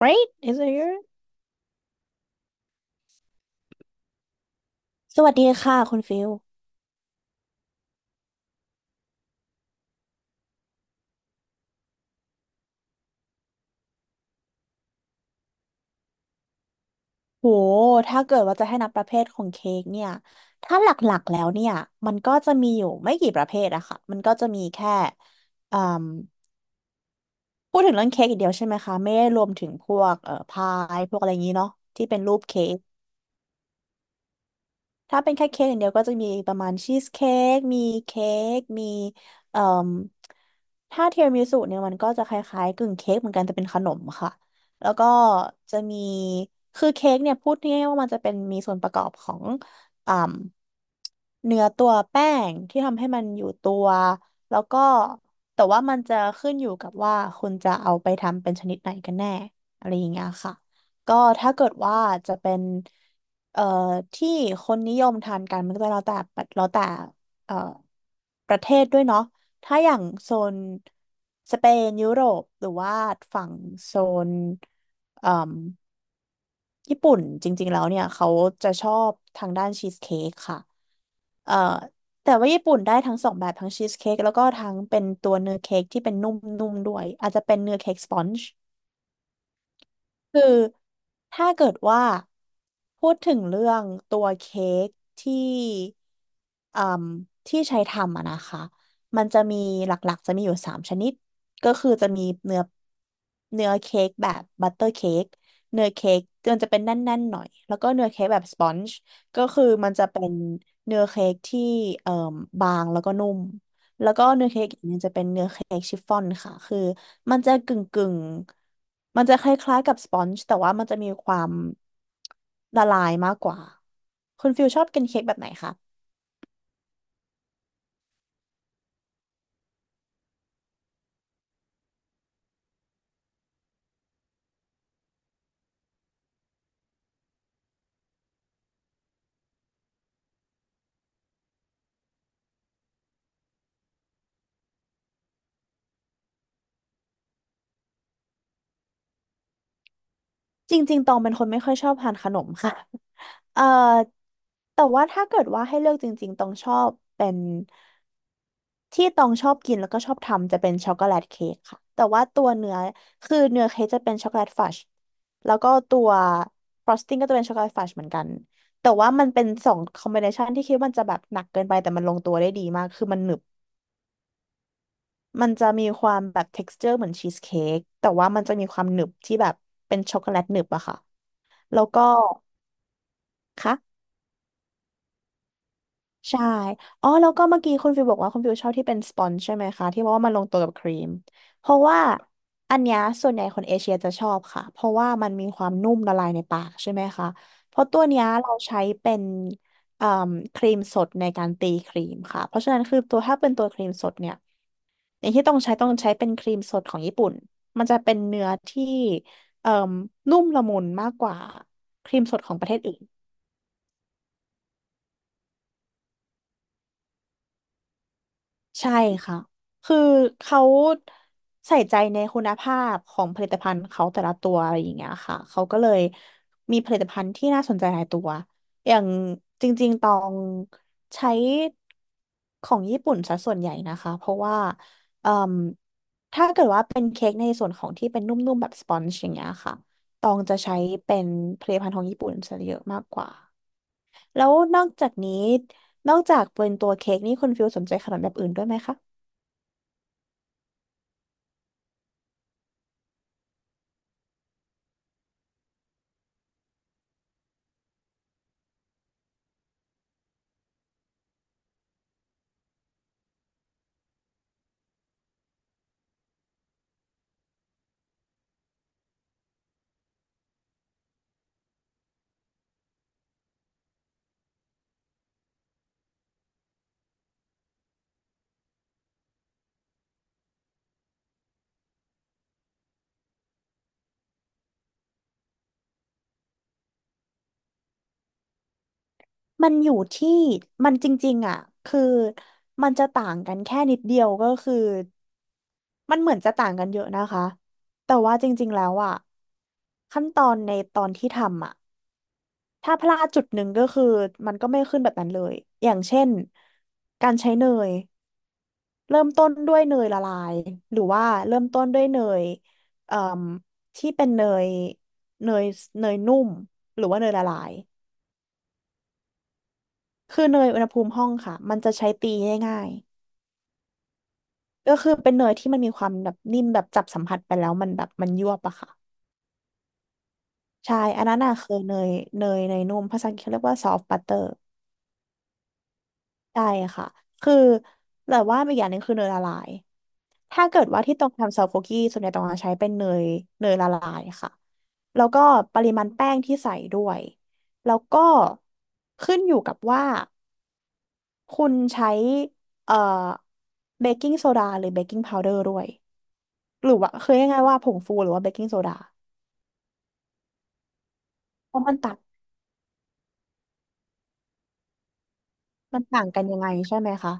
Right? Is it here สวัสดีค่ะคุณฟิลโหถ้าเกิดว่าจะให้นับประเภทของเค้กเนี่ย ถ้าหลักๆแล้วเนี่ย มันก็จะมีอยู่ไม่กี่ประเภทอะค่ะมันก็จะมีแค่อืมพูดถึงเรื่องเค้กอีกเดียวใช่ไหมคะ ไม่ได้รวมถึงพวกพายพวกอะไรอย่างนี้เนาะที่เป็นรูปเค้ก ถ้าเป็นแค่เค้กอย่างเดียวก็จะมีประมาณชีสเค้กมีเค้กมีเอ่มถ้าเทียรามิสุเนี่ยมันก็จะคล้ายๆกึ่งเค้กเหมือนกันแต่เป็นขนมค่ะแล้วก็จะมีคือเค้กเนี่ยพูดง่ายๆว่ามันจะเป็นมีส่วนประกอบของอ่มเนื้อตัวแป้งที่ทำให้มันอยู่ตัวแล้วก็แต่ว่ามันจะขึ้นอยู่กับว่าคุณจะเอาไปทำเป็นชนิดไหนกันแน่อะไรอย่างเงี้ยค่ะก็ถ้าเกิดว่าจะเป็น เอ่อที่คนนิยมทานกันมันก็จะแล้วแต่แล้วแต่เอ่อประเทศด้วยเนาะถ้าอย่างโซนสเปนยุโรปหรือว่าฝั่งโซนเอ่มญี่ปุ่นจริงๆแล้วเนี่ยเขาจะชอบทางด้านชีสเค้กค่ะเอ่อแต่ว่าญี่ปุ่นได้ทั้งสองแบบทั้งชีสเค้กแล้วก็ทั้งเป็นตัวเนื้อเค้กที่เป็นนุ่มๆด้วยอาจจะเป็นเนื้อเค้กสปอนจ์ คือถ้าเกิดว่าพูดถึงเรื่องตัวเค้กที่อืมที่ใช้ทำอะนะคะมันจะมีหลักๆจะมีอยู่สามชนิดก็คือจะมีเนื้อเนื้อเค้กแบบบัตเตอร์เค้กเนื้อเค้กมันจะเป็นแน่นๆหน่อยแล้วก็เนื้อเค้กแบบสปอนจ์ก็คือมันจะเป็นเนื้อเค้กที่เอ่มบางแล้วก็นุ่ม แล้วก็เนื้อเค้กอีกเนี่ยจะเป็นเนื้อเค้กชิฟฟ่อนค่ะคือมันจะกึ่งกึ่งมันจะคล้ายๆกับสปอนจ์แต่ว่ามันจะมีความละลายมากกว่าคุณฟิลชอบกินเค้กแบบไหนคะจริงๆตองเป็นคนไม่ค่อยชอบทานขนมค่ะ เอ่อแต่ว่าถ้าเกิดว่าให้เลือกจริงๆต้องชอบเป็น ที่ตองชอบกินแล้วก็ชอบทำจะเป็นช็อกโกแลตเค้กค่ะแต่ว่าตัวเนื้อคือเนื้อเค้กจะเป็นช็อกโกแลตฟัชแล้วก็ตัวฟรอสติ้งก็จะเป็นช็อกโกแลตฟัชเหมือนกันแต่ว่ามันเป็นสองคอมบิเนชันที่คิดว่ามันจะแบบหนักเกินไปแต่มันลงตัวได้ดีมากคือมันหนึบมันจะมีความแบบ texture เหมือนชีสเค้กแต่ว่ามันจะมีความหนึบที่แบบเป็นช็อกโกแลตหนึบอะค่ะแล้วก็ค่ะ ใช่อ๋อแล้วก็เมื่อกี้คุณฟิวบอกว่าคุณฟิวชอบที่เป็นสปอนจ์ใช่ไหมคะที่ว่ามันลงตัวกับครีมเพราะว่าอันเนี้ยส่วนใหญ่คนเอเชียจะชอบค่ะเพราะว่ามันมีความนุ่มละลายในปากใช่ไหมคะเพราะตัวเนี้ยเราใช้เป็นเอ่มครีมสดในการตีครีมค่ะเพราะฉะนั้นคือตัวถ้าเป็นตัวครีมสดเนี่ยอย่างที่ต้องใช้ต้องใช้เป็นครีมสดของญี่ปุ่นมันจะเป็นเนื้อที่เอ่มนุ่มละมุนมากกว่าครีมสดของประเทศอื่น ใช่ค่ะ คือเขาใส่ใจในคุณภาพของผลิตภัณฑ์เขาแต่ละตัวอะไรอย่างเงี้ยค่ะ เขาก็เลยมีผลิตภัณฑ์ที่น่าสนใจหลายตัว อย่างจริงๆตองใช้ของญี่ปุ่นซะส่วนใหญ่นะคะ เพราะว่าเอ่มถ้าเกิดว่าเป็นเค้กในส่วนของที่เป็นนุ่มๆแบบสปอนจ์อย่างเงี้ยค่ะตองจะใช้เป็นผลิตภัณฑ์ของญี่ปุ่นซะเยอะมากกว่า แล้วนอกจากนี้นอกจากเป็นตัวเค้กนี่คุณฟิลสนใจขนมแบบอื่นด้วยไหมคะ มันอยู่ที่มันจริงๆอ่ะคือมันจะต่างกันแค่นิดเดียวก็คือมันเหมือนจะต่างกันเยอะนะคะแต่ว่าจริงๆแล้วอ่ะขั้นตอนในตอนที่ทำอ่ะถ้าพลาดจุดหนึ่งก็คือมันก็ไม่ขึ้นแบบนั้นเลยอย่างเช่นการใช้เนยเริ่มต้นด้วยเนยละลายหรือว่าเริ่มต้นด้วยเนยเอ่มที่เป็นเนยเนยเนยนุ่มหรือว่าเนยละลายคือเนยอุณหภูมิห้องค่ะมันจะใช้ตีง่าย ก็คือเป็นเนยที่มันมีความแบบนิ่มแบบจับสัมผัสไปแล้วมันแบบมันยวบอะค่ะใช่อันนั้นน่ะคือเนยเนยนุ่มภาษาอังกฤษเขาเรียกว่าซอฟต์บัตเตอร์ใช่ค่ะคือแต่ว่าอีกอย่างหนึ่งคือเนยละลายถ้าเกิดว่าที่ต้องทำซอฟต์คุกกี้ส่วนใหญ่ต้องใช้เป็นเนยเนยละลายค่ะแล้วก็ปริมาณแป้งที่ใส่ด้วยแล้วก็ขึ้นอยู่กับว่าคุณใช้เอ่อเบกกิ้งโซดาหรือเบกกิ้งพาวเดอร์ด้วยหรือว่าคือยังไงว่าผงฟูหรือว่าเบกกิ้งโซดา เพราะมันต่างกันยังไงใช่ไหมคะ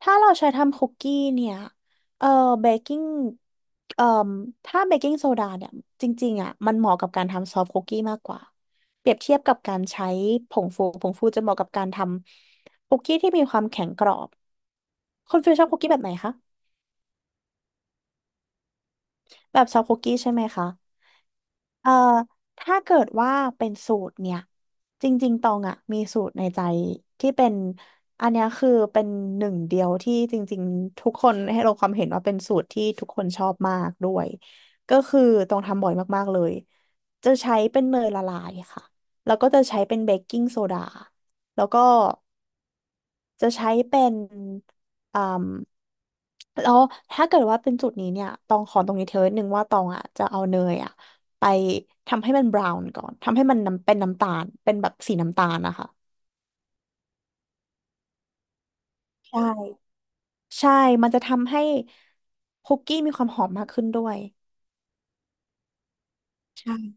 ถ้าเราใช้ทำคุกกี้เนี่ยเอ่อเบกกิ้งเอ่อถ้าเบกกิ้งโซดาเนี่ยจริงๆอ่ะมันเหมาะกับการทำซอฟต์คุกกี้มากกว่าเปรียบเทียบกับการใช้ผงฟูผงฟูจะเหมาะกับการทำคุกกี้ที่มีความแข็งกรอบคุณฟิลชอบคุกกี้แบบไหนคะแบบซอฟต์คุกกี้ใช่ไหมคะ เอ่อถ้าเกิดว่าเป็นสูตรเนี่ย จริงๆตองอ่ะมีสูตรในใจที่เป็นอันเนี้ยคือเป็นหนึ่งเดียวที่จริงๆทุกคนให้เราความเห็นว่าเป็นสูตรที่ทุกคนชอบมากด้วย ก็คือตองทำบ่อยมากๆเลย จะใช้เป็นเนยละลายค่ะ แล้วก็จะใช้เป็นเบกกิ้งโซดาแล้วก็ จะใช้เป็นอ่มแล้วถ้าเกิดว่าเป็นจุดนี้เนี่ย ตองขอตรงนี้เธอหนึ่งว่าตองอ่ะจะเอาเนยอ่ะไปทำให้มันบราวน์ก่อน ทำให้มันน้ำเป็นน้ำตาล เป็นแบบสีน้ำตาลนะคะ ใช่ ใช่ มันจะทำให้คุกกี้มีความหอมมากขึ้นด้วย ใช่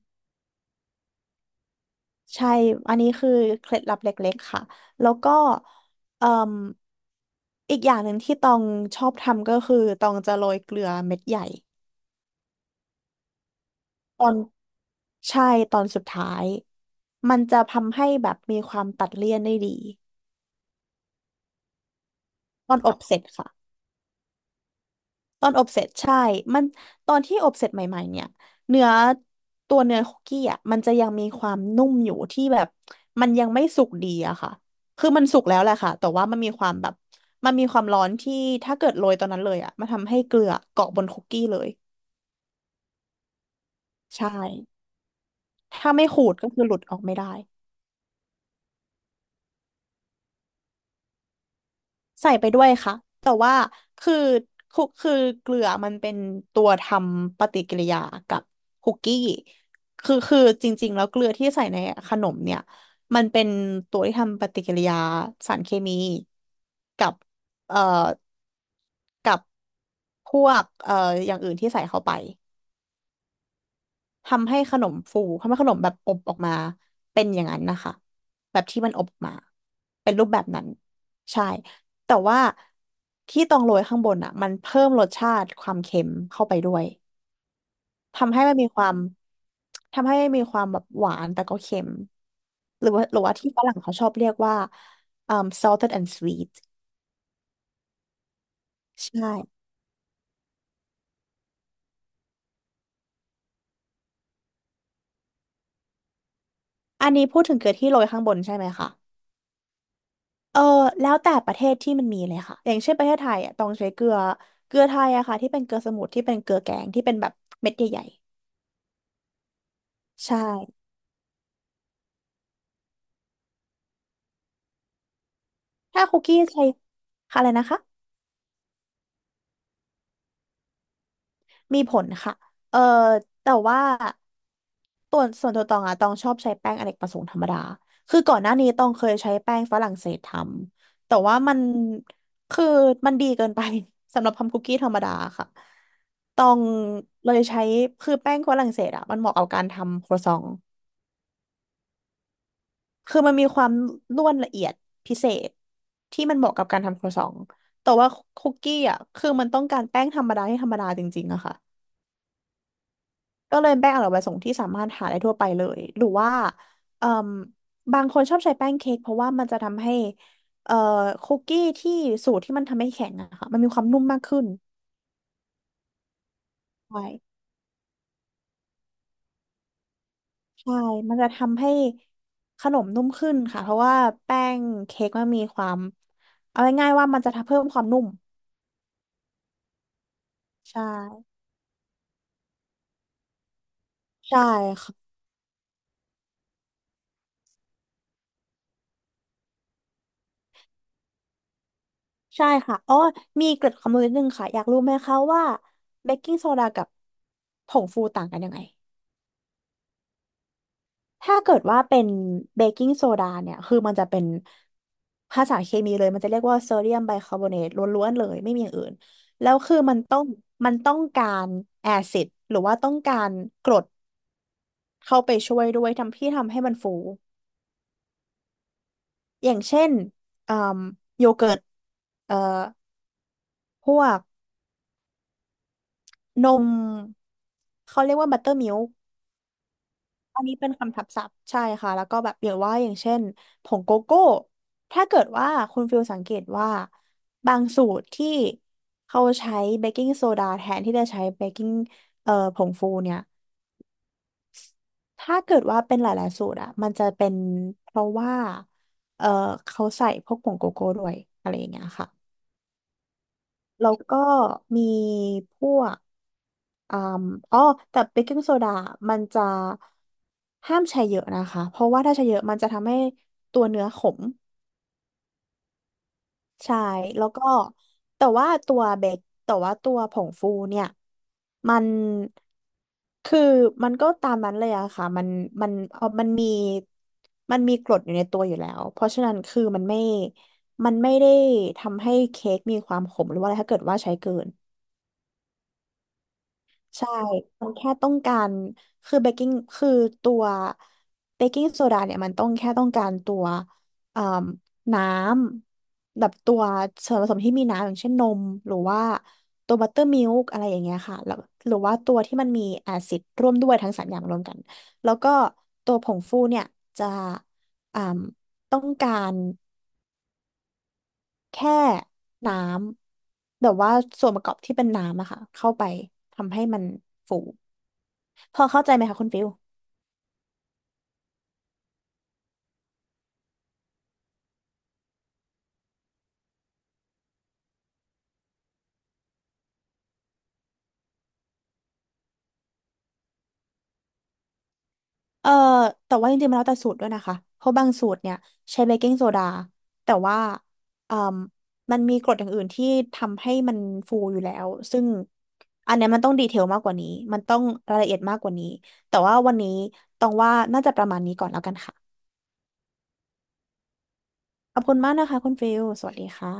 ใช่ อันนี้คือเคล็ดลับเล็กๆค่ะ แล้วก็เอ่มอีกอย่างหนึ่งที่ตองชอบทำก็คือตองจะโรยเกลือเม็ดใหญ่ตอน ใช่ตอนสุดท้ายมันจะทำให้แบบมีความตัดเลี่ยนได้ดีตอนอบเสร็จค่ะตอนอบเสร็จใช่มันตอนที่อบเสร็จใหม่ๆเนี่ยเนื้อตัวเนื้อคุกกี้อ่ะมันจะยังมีความนุ่มอยู่ที่แบบมันยังไม่สุกดีอะค่ะคือมันสุกแล้วแหละค่ะแต่ว่ามันมีความแบบมันมีความร้อนที่ถ้าเกิดโรยตอนนั้นเลยอ่ะมันทำให้เกลือเกาะบนคุกกี้เลยใช่ถ้าไม่ขูดก็คือหลุดออกไม่ได้ ใส่ไปด้วยค่ะแต่ว่าคือคุกคือเกลือมันเป็นตัวทำปฏิกิริยากับคุกกี้คือจริงๆแล้วเกลือที่ใส่ในขนมเนี่ยมันเป็นตัวที่ทำปฏิกิริยาสารเคมีกับเอ่อกับพวกอย่างอื่นที่ใส่เข้าไป ทำให้ขนมฟู ทำให้ขนมแบบอบออกมาเป็นอย่างนั้นนะคะแบบที่มันอบออกมาเป็นรูปแบบนั้นใช่ แต่ว่าที่ตองโรยข้างบนอ่ะมันเพิ่มรสชาติความเค็มเข้าไปด้วยทำให้มันมีความทำให้มีความแบบหวานแต่ก็เค็มหรือว่าที่ฝรั่งเขาชอบเรียกว่าเอ่อ salted and sweet ใช่อันนี้พูดถึงเกลือที่โรยข้างบนใช่ไหมคะ เออแล้วแต่ประเทศที่มันมีเลยค่ะอย่างเช่นประเทศไทยอ่ะต้องใช้เกลือเกลือไทยอะค่ะที่เป็นเกลือสมุทรที่เป็นเกลือแกงที่เป็นแบบเม็ดใหญ่ๆใช่ถ้าคุกกี้ใช้ค่ะอะไรนะคะมีผลค่ะเออแต่ว่าตัวส่วนตัวตองอะตองชอบใช้แป้งอเนกประสงค์ธรรมดาคือก่อนหน้านี้ตองเคยใช้แป้งฝรั่งเศสทำแต่ว่ามันคือมันดีเกินไป สำหรับทำคุกกี้ธรรมดาค่ะตองเลยใช้คือแป้งฝรั่งเศสอะมันเหมาะกับการทำครัวซอง คือมันมีความร่วนละเอียดพิเศษที่มันเหมาะกับการทำครัวซองแต่ว่าคุกกี้อ่ะคือมันต้องการแป้งธรรมดาให้ธรรมดาจริงๆอะค่ะก็เลยแป้งอร่อยประสงค์ที่สามารถหาได้ทั่วไปเลยหรือว่าเอ่มบางคนชอบใช้แป้งเค้กเพราะว่ามันจะทำให้เอ่อคุกกี้ที่สูตรที่มันทำให้แข็งอะค่ะมันมีความนุ่มมากขึ้นใช่ใช่มันจะทำให้ขนมนุ่มขึ้นค่ะเพราะว่าแป้งเค้กมันมีความเอาง่ายๆว่ามันจะทำเพิ่มความนุ่ม ใช่ ใช่ค่ะใช่ค่ะอ๋อมีเกร็ดความรู้นิดนึงค่ะอยากรู้ไหมคะว่าเบกกิ้งโซดากับผงฟูต่างกันยังไงถ้าเกิดว่าเป็นเบกกิ้งโซดาเนี่ยคือมันจะเป็นภาษาเคมีเลยมันจะเรียกว่าโซเดียมไบคาร์บอเนตล้วนๆเลยไม่มีอย่างอื่นแล้วคือมันต้องการแอซิดหรือว่าต้องการกรดเข้าไปช่วยด้วยทำที่ทำให้มันฟูอย่างเช่นเอ่มโยเกิร์ตเอ่อพวก นมเขาเรียกว่าบัตเตอร์มิลค์อันนี้เป็นคำทับศัพท์ใช่ค่ะแล้วก็แบบอย่างว่าอย่างเช่นผงโกโก้ถ้าเกิดว่าคุณฟิลสังเกตว่าบางสูตรที่เขาใช้เบกกิ้งโซดาแทนที่จะใช้เบกกิ้งผงฟูเนี่ยถ้าเกิดว่าเป็นหลายๆสูตรอะมันจะเป็นเพราะว่าเอ่อเขาใส่พวกผงโกโก้ด้วยอะไรอย่างเงี้ยค่ะ แล้วก็มีพวกอ่มอ๋อแต่เบกกิ้งโซดามันจะห้ามใช้เยอะนะคะเพราะว่าถ้าใช้เยอะมันจะทำให้ตัวเนื้อขมใช่แล้วก็แต่ว่าตัวเบกแต่ว่าตัวผงฟูเนี่ยมันคือมันก็ตามนั้นเลยอะค่ะมันเอามันมีมันมีกรดอยู่ในตัวอยู่แล้วเพราะฉะนั้นคือมันไม่ได้ทำให้เค้กมีความขมหรือว่าอะไรถ้าเกิดว่าใช้เกิน ใช่ มันแค่ต้องการ คือเบกกิ้งคือตัวเบกกิ้งโซดาเนี่ยมันต้องแค่ต้องการตัวเอ่มน้ำแบบตัวส่วนผสมที่มีน้ำอย่างเช่นนมหรือว่าตัวบัตเตอร์มิลค์อะไรอย่างเงี้ยค่ะแล้วหรือว่าตัวที่มันมีแอซิดร่วมด้วยทั้งสามอย่างรวมกัน แล้วก็ตัวผงฟูเนี่ยจะเอ่มต้องการ แค่น้ำแบบว่าส่วนประกอบที่เป็นน้ำอะค่ะเข้าไปทำให้มันฟูพอเข้าใจไหมคะคุณฟิลเอ่อแต่ว่าจริงๆมันแล้วแต่สูตรด้วยนะคะเพราะบางสูตรเนี่ยใช้เบกกิ้งโซดาแต่ว่าเอ่มมันมีกรดอย่างอื่นที่ทำให้มันฟูอยู่แล้วซึ่งอันเนี้ยมันต้องดีเทลมากกว่านี้มันต้องรายละเอียดมากกว่านี้แต่ว่าวันนี้ต้องว่าน่าจะประมาณนี้ก่อนแล้วกันค่ะขอบคุณมากนะคะคุณฟิลสวัสดีค่ะ